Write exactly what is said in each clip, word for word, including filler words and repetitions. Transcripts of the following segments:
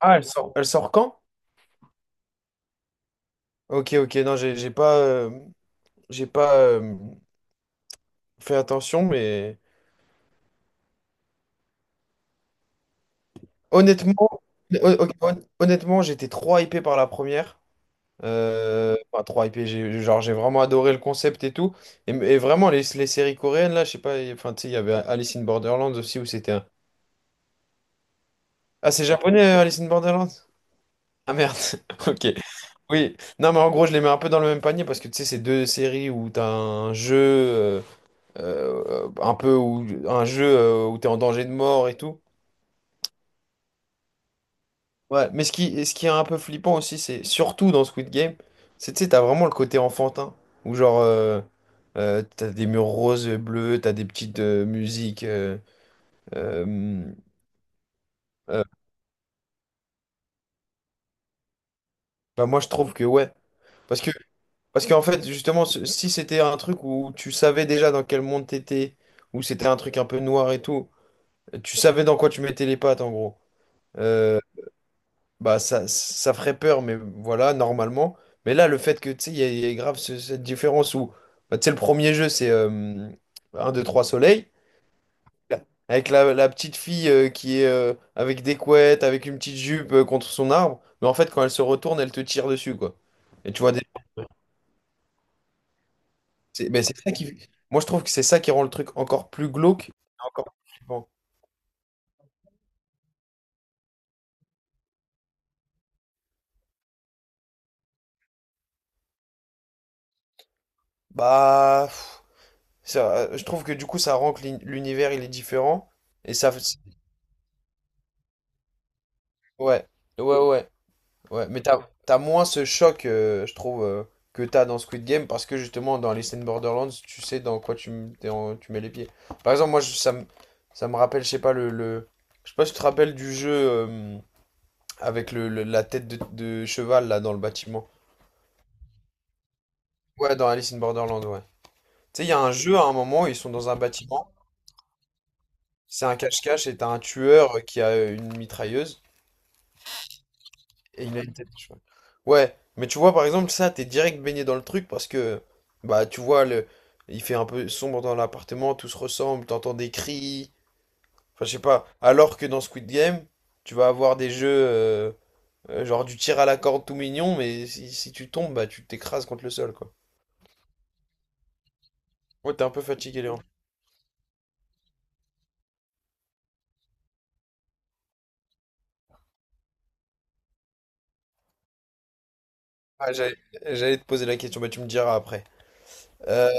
Ah, elle sort, elle sort quand? Ok, ok, non, j'ai j'ai pas, euh, j'ai pas euh, fait attention, mais honnêtement, hon- hon- hon- honnêtement, j'étais trop hypé par la première. Euh, enfin, trop hypé, j'ai, genre, j'ai vraiment adoré le concept et tout. Et, et vraiment, les, les séries coréennes, là, je sais pas, et- enfin, tu sais, il y avait Alice in Borderlands aussi où c'était un. Ah, c'est japonais, euh, Alice in Borderlands? Ah merde, ok. Oui, non, mais en gros, je les mets un peu dans le même panier parce que tu sais, c'est deux séries où t'as un jeu. euh, euh, un peu où, un jeu euh, où t'es en danger de mort et tout. Ouais. Mais ce qui, ce qui est un peu flippant aussi, c'est surtout dans Squid Game, c'est, tu sais, t'as vraiment le côté enfantin, où genre, euh, euh, t'as des murs roses et bleus, t'as des petites euh, musiques. euh, euh, euh, Bah moi, je trouve que ouais. Parce que, Parce qu'en fait, justement, ce- si c'était un truc où tu savais déjà dans quel monde t'étais, où c'était un truc un peu noir et tout, tu savais dans quoi tu mettais les pattes, en gros. Euh, Bah, ça, ça ferait peur, mais voilà, normalement. Mais là, le fait que, tu sais, il y, a il y a grave ce- cette différence où, bah, tu sais, le premier jeu, c'est euh, un deux trois soleil. Avec la, la petite fille euh, qui est euh, avec des couettes, avec une petite jupe euh, contre son arbre. Mais en fait, quand elle se retourne, elle te tire dessus, quoi. Et tu vois, des- c'est mais c'est ça qui... Moi, je trouve que c'est ça qui rend le truc encore plus glauque. Encore plus flippant. Bah, pff, ça, euh, je trouve que du coup, ça rend que l'uni- l'univers, il est différent. Et ça... Ouais, ouais, ouais. Ouais, mais t'as, t'as moins ce choc, euh, je trouve, euh, que t'as dans Squid Game, parce que justement, dans les scènes Borderlands, tu sais dans quoi tu, m- t'es en- tu mets les pieds. Par exemple, moi, je- ça me, ça me rappelle, je sais pas, le, le- Je sais pas si tu te rappelles du jeu euh, avec le, le- la tête de, de cheval, là, dans le bâtiment. Ouais, dans Alice in Borderland, ouais. Tu sais, il y a un jeu, à un moment, ils sont dans un bâtiment, c'est un cache-cache, et t'as un tueur qui a une mitrailleuse. Et il a une tête de cheval. Ouais, mais tu vois, par exemple, ça, t'es direct baigné dans le truc parce que, bah, tu vois, le... il fait un peu sombre dans l'appartement, tout se ressemble, t'entends des cris, enfin, je sais pas. Alors que dans Squid Game, tu vas avoir des jeux, euh, euh, genre du tir à la corde tout mignon, mais si, si tu tombes, bah, tu t'écrases contre le sol, quoi. Ouais, t'es un peu fatigué, Léon. Ah, j'allais j'allais te poser la question, mais tu me diras après. Euh,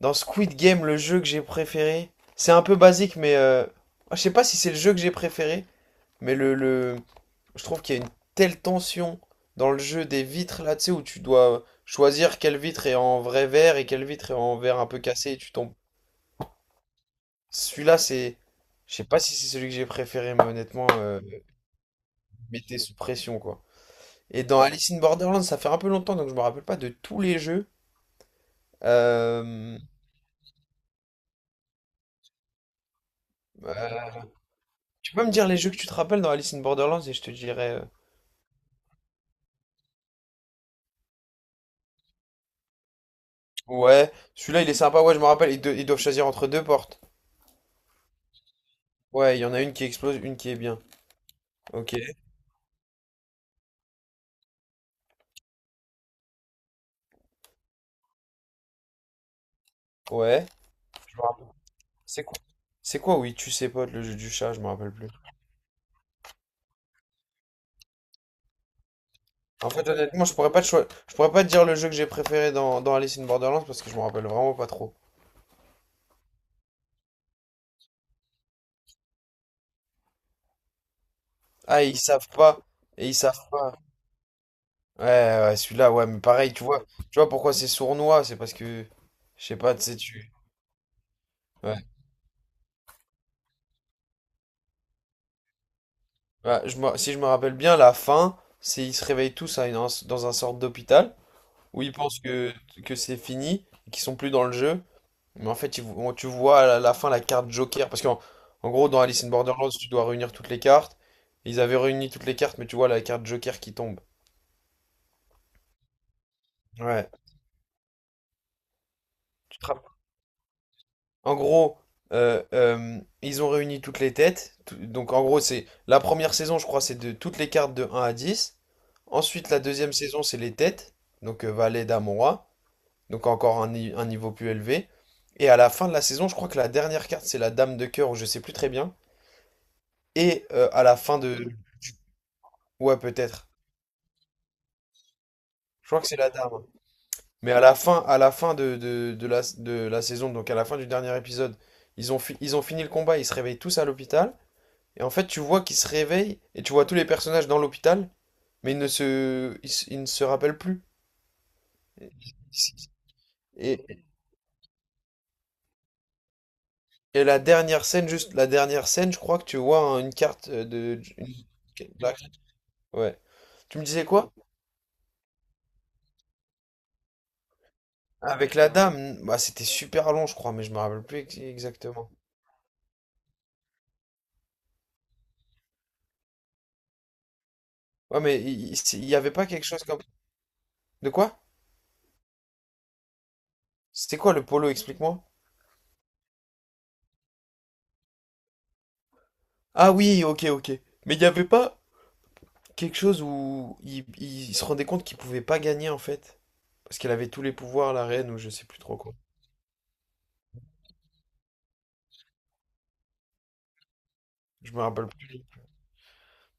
Dans Squid Game, le jeu que j'ai préféré, c'est un peu basique, mais euh, ah, je sais pas si c'est le jeu que j'ai préféré, mais le, le, je trouve qu'il y a une telle tension dans le jeu des vitres là, tu sais, où tu dois choisir quelle vitre est en vrai verre et quelle vitre est en verre un peu cassé et tu tombes. Celui-là, c'est. Je sais pas si c'est celui que j'ai préféré, mais honnêtement, euh, mettez sous pression, quoi. Et dans Alice in Borderland, ça fait un peu longtemps, donc je me rappelle pas de tous les jeux. Euh, euh, Tu peux me dire les jeux que tu te rappelles dans Alice in Borderlands et je te dirai. euh, Ouais, celui-là il est sympa, ouais, je me rappelle, ils, do- ils doivent choisir entre deux portes. Ouais, il y en a une qui explose, une qui est bien. Ok, ouais. C'est quoi? C'est quoi, oui, tu sais pas, le jeu du chat, je me rappelle plus. En fait, honnêtement, je pourrais pas te choi- je pourrais pas te dire le jeu que j'ai préféré dans, dans Alice in Borderlands parce que je me rappelle vraiment pas trop. Ah, et ils savent pas. Et ils savent pas. Ouais, ouais, celui-là, ouais, mais pareil, tu vois, tu vois pourquoi c'est sournois, c'est parce que, je sais pas, tu sais, tu... Ouais. Ouais, je me- si je me rappelle bien, la fin, c'est ils se réveillent tous à une- dans un sorte d'hôpital, où ils pensent que, que c'est fini, qu'ils sont plus dans le jeu. Mais en fait, tu vo- tu vois à la fin la carte Joker. Parce qu'en En gros, dans Alice in Borderlands, tu dois réunir toutes les cartes. Ils avaient réuni toutes les cartes, mais tu vois la carte Joker qui tombe. Ouais. Tu te rappelles. En gros, euh, euh, ils ont réuni toutes les têtes. Tout- Donc en gros, c'est la première saison, je crois, c'est de toutes les cartes de un à dix. Ensuite, la deuxième saison, c'est les têtes. Donc euh, valet, dame, roi. Donc encore un, ni- un niveau plus élevé. Et à la fin de la saison, je crois que la dernière carte, c'est la dame de cœur, ou je sais plus très bien. Et euh, à la fin de... Ouais, peut-être. Je crois que c'est la dame. Mais à la fin, à la fin de, de- de la, de la saison, donc à la fin du dernier épisode, ils ont, fi- ils ont fini le combat, ils se réveillent tous à l'hôpital. Et en fait, tu vois qu'ils se réveillent et tu vois tous les personnages dans l'hôpital, mais ils ne se, ils, se- ils ne se rappellent plus. Et, et la dernière scène, juste la dernière scène, je crois que tu vois hein, une carte euh, de. une- la- Ouais. Tu me disais quoi? Avec la dame, bah c'était super long, je crois, mais je me rappelle plus ex- exactement. Ouais, mais il il- il y avait pas quelque chose comme. De quoi? C'était quoi le polo, explique-moi? Ah oui, ok, ok. Mais il n'y avait pas quelque chose où il, il se rendait compte qu'il pouvait pas gagner en fait? Parce qu'elle avait tous les pouvoirs, la reine, ou je sais plus trop quoi. Je me rappelle plus.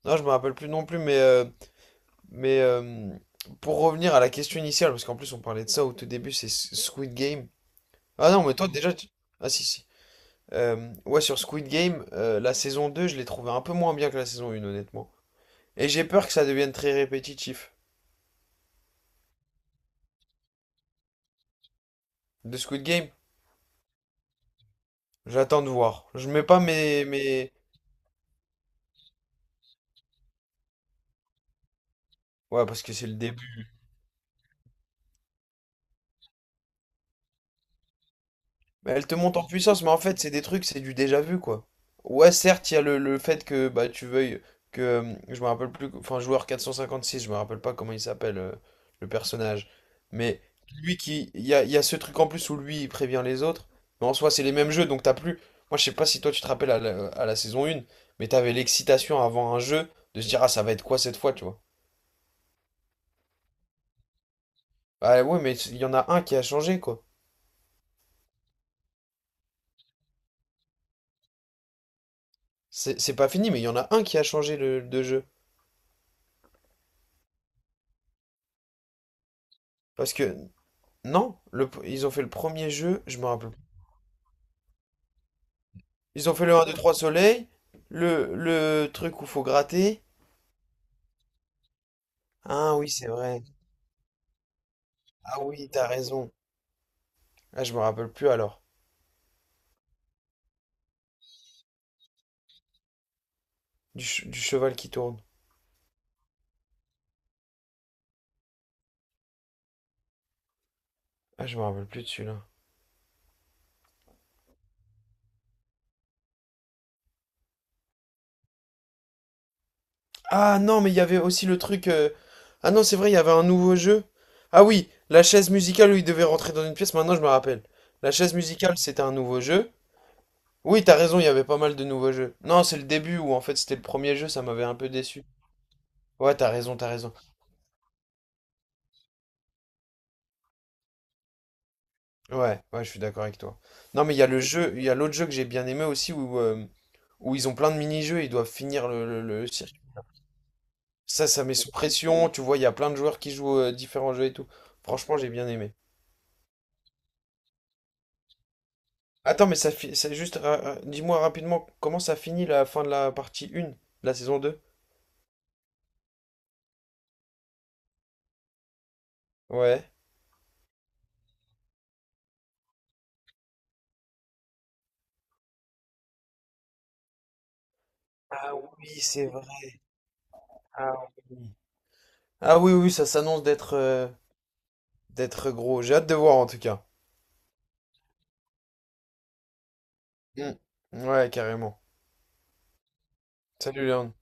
Non, je me rappelle plus non plus, mais, euh, mais euh, pour revenir à la question initiale, parce qu'en plus on parlait de ça au tout début, c'est S- Squid Game. Ah non, mais toi déjà. Tu- Ah si, si. Euh, ouais, sur Squid Game, euh, la saison deux je l'ai trouvée un peu moins bien que la saison un, honnêtement. Et j'ai peur que ça devienne très répétitif. De Squid Game, j'attends de voir. Je mets pas mes, mes... Ouais, parce que c'est le début. Mais elle te monte en puissance, mais en fait, c'est des trucs, c'est du déjà vu, quoi. Ouais, certes, il y a le, le fait que bah tu veuilles que... euh, Je me rappelle plus... Enfin, joueur quatre cent cinquante-six, je me rappelle pas comment il s'appelle, euh, le personnage. Mais lui qui... Il y a, il y a ce truc en plus où lui, il prévient les autres. Mais en soi, c'est les mêmes jeux, donc t'as plus... Moi, je sais pas si toi, tu te rappelles à la, à la saison un, mais t'avais l'excitation avant un jeu de se dire, ah, ça va être quoi cette fois, tu vois. Ah ouais, mais il y en a un qui a changé, quoi. C'est c'est pas fini, mais il y en a un qui a changé le, de jeu. Parce que, non, le, ils ont fait le premier jeu, je me rappelle plus. Ils ont fait le un deux trois soleil, le, le truc où faut gratter. Ah oui, c'est vrai. Ah oui, t'as raison. Ah, je me rappelle plus alors. Du, ch- du cheval qui tourne. Ah, je me rappelle plus de celui-là. Ah non, mais il y avait aussi le truc. euh, Ah non, c'est vrai, il y avait un nouveau jeu. Ah oui, la chaise musicale où il devait rentrer dans une pièce, maintenant je me rappelle. La chaise musicale, c'était un nouveau jeu. Oui, t'as raison, il y avait pas mal de nouveaux jeux. Non, c'est le début où en fait c'était le premier jeu, ça m'avait un peu déçu. Ouais, t'as raison, t'as raison. Ouais, ouais, je suis d'accord avec toi. Non, mais il y a le jeu, il y a l'autre jeu que j'ai bien aimé aussi où, euh, où ils ont plein de mini-jeux, ils doivent finir le, le, le circuit. Ça, ça met sous pression, tu vois, il y a plein de joueurs qui jouent euh, différents jeux et tout. Franchement, j'ai bien aimé. Attends, mais ça fi- c'est juste, ra- ra- dis-moi rapidement, comment ça finit la fin de la partie un, de la saison deux. Ouais. Ah oui, c'est vrai. Ah oui. Ah oui, oui, ça s'annonce d'être euh, d'être gros. J'ai hâte de voir en tout cas. Mm. Ouais, carrément. Salut Léon.